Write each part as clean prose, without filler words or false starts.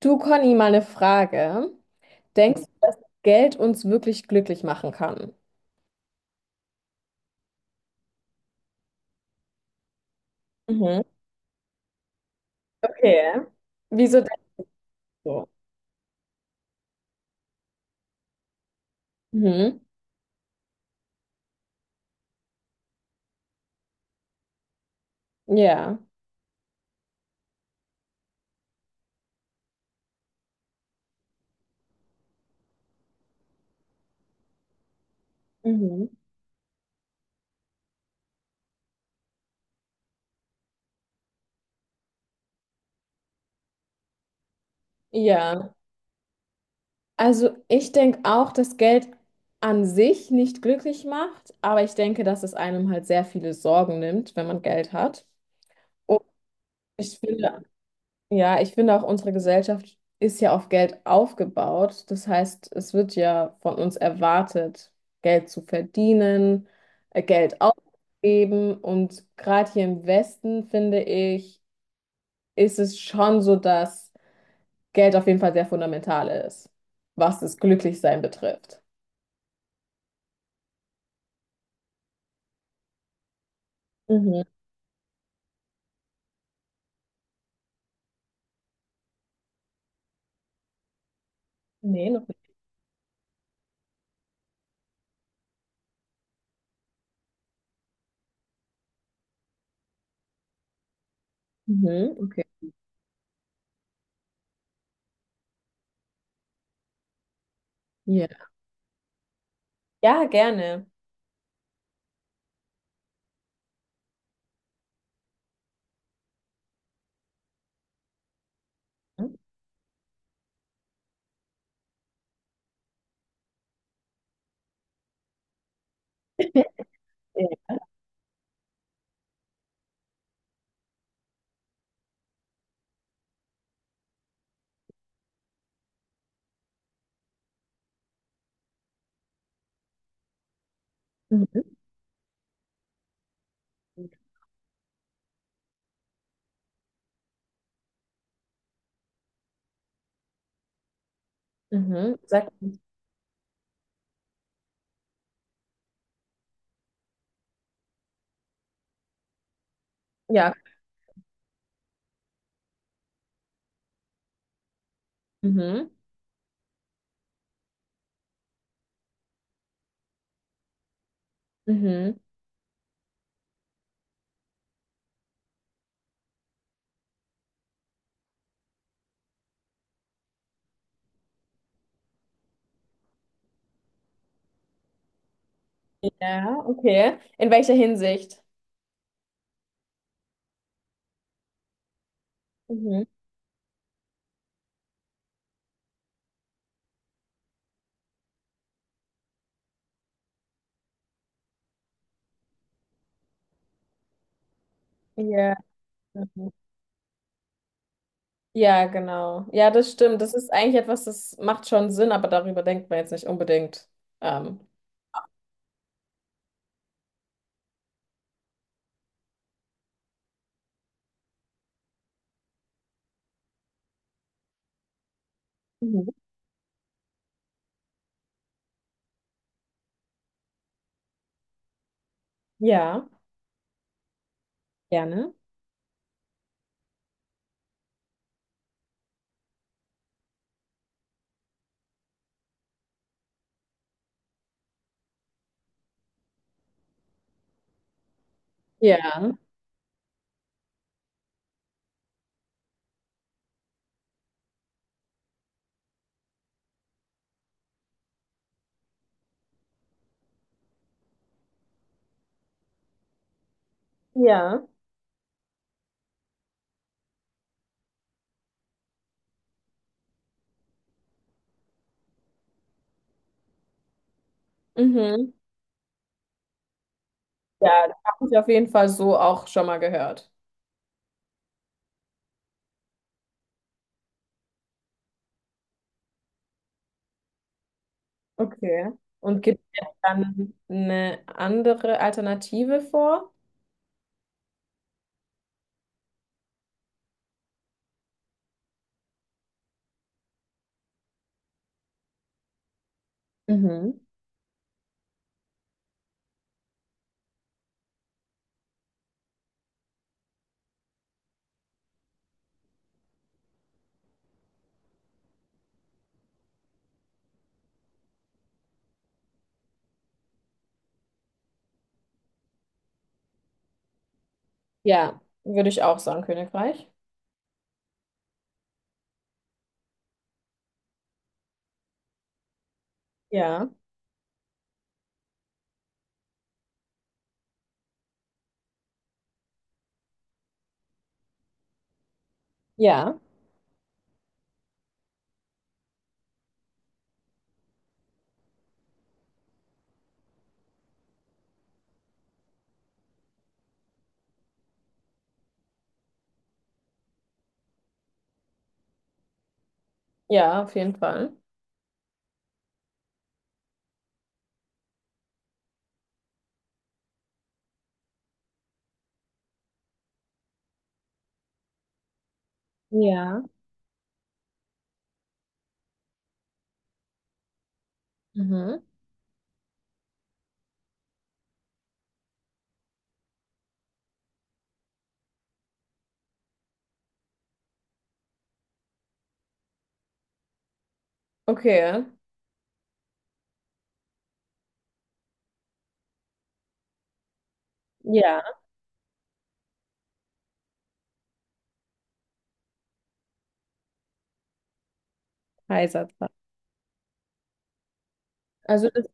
Du, Conny, mal eine Frage. Denkst du, dass Geld uns wirklich glücklich machen kann? Mhm. Okay. Wieso denkst du? Mhm. Ja. Mhm. Ja. Also ich denke auch, dass Geld an sich nicht glücklich macht, aber ich denke, dass es einem halt sehr viele Sorgen nimmt, wenn man Geld hat. Und ich finde. Ja, ich finde auch, unsere Gesellschaft ist ja auf Geld aufgebaut. Das heißt, es wird ja von uns erwartet, Geld zu verdienen, Geld auszugeben. Und gerade hier im Westen, finde ich, ist es schon so, dass Geld auf jeden Fall sehr fundamental ist, was das Glücklichsein betrifft. Mhm. Nee, noch nicht. Mhm, okay. Ja. Ja, gerne. Ja. Mhm. Mhm. Sag, ja. Mhm. Mhm. Ja, okay. In welcher Hinsicht? Mhm. Ja. Mhm. Ja, genau. Ja, das stimmt. Das ist eigentlich etwas, das macht schon Sinn, aber darüber denkt man jetzt nicht unbedingt. Ähm, Mhm. Ja, gerne. Ja. Ja. Mhm. Ja, das habe ich auf jeden Fall so auch schon mal gehört. Okay. Und gibt es dann eine andere Alternative vor? Mhm. Ja, würde ich auch sagen, Königreich. Ja. Ja. Ja, auf jeden Fall. Ja. Mhm. Okay. Ja, Kaiserzeit. Also das,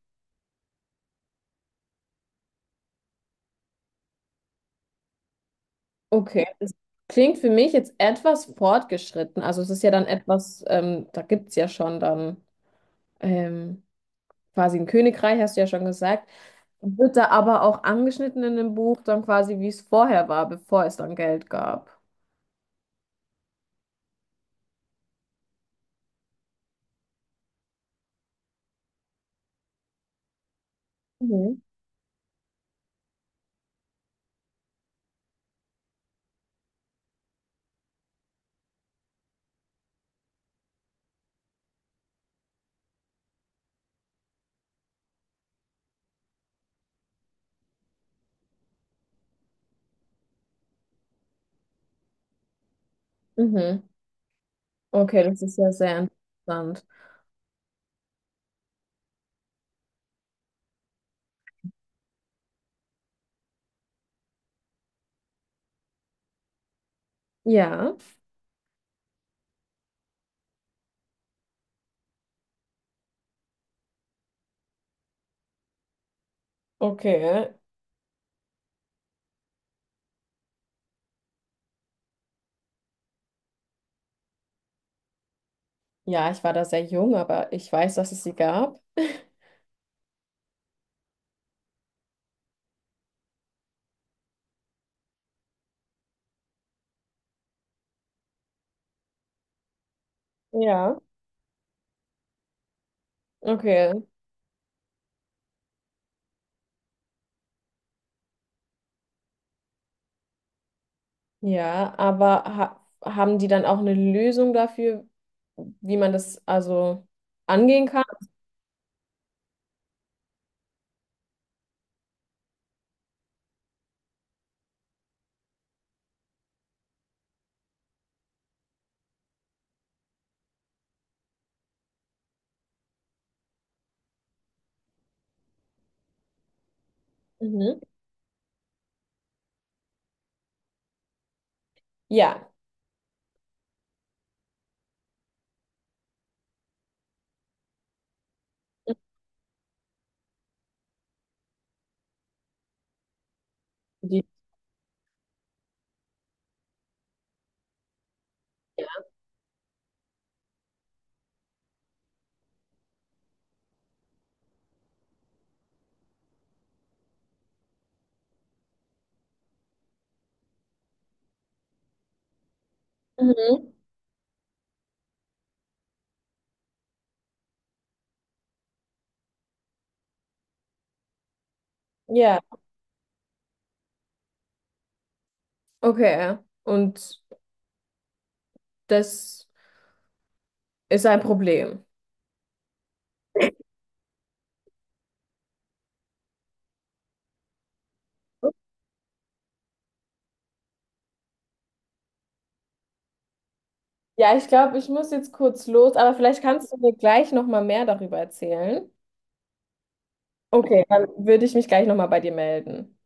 okay, das klingt für mich jetzt etwas fortgeschritten. Also es ist ja dann etwas, da gibt es ja schon dann ähm, quasi ein Königreich, hast du ja schon gesagt. Wird da aber auch angeschnitten in dem Buch dann quasi, wie es vorher war, bevor es dann Geld gab. Mhm. Mhm. Okay, das ist ja sehr interessant. Ja, okay. Ja, ich war da sehr jung, aber ich weiß, dass es sie gab. Ja. Okay. Ja, aber ha haben die dann auch eine Lösung dafür, wie man das also angehen kann? Mhm. Ja. Die. Mhm. Ja. Okay. Und das ist ein Problem. Ja, ich glaube, ich muss jetzt kurz los, aber vielleicht kannst du mir gleich noch mal mehr darüber erzählen. Okay, dann würde ich mich gleich noch mal bei dir melden.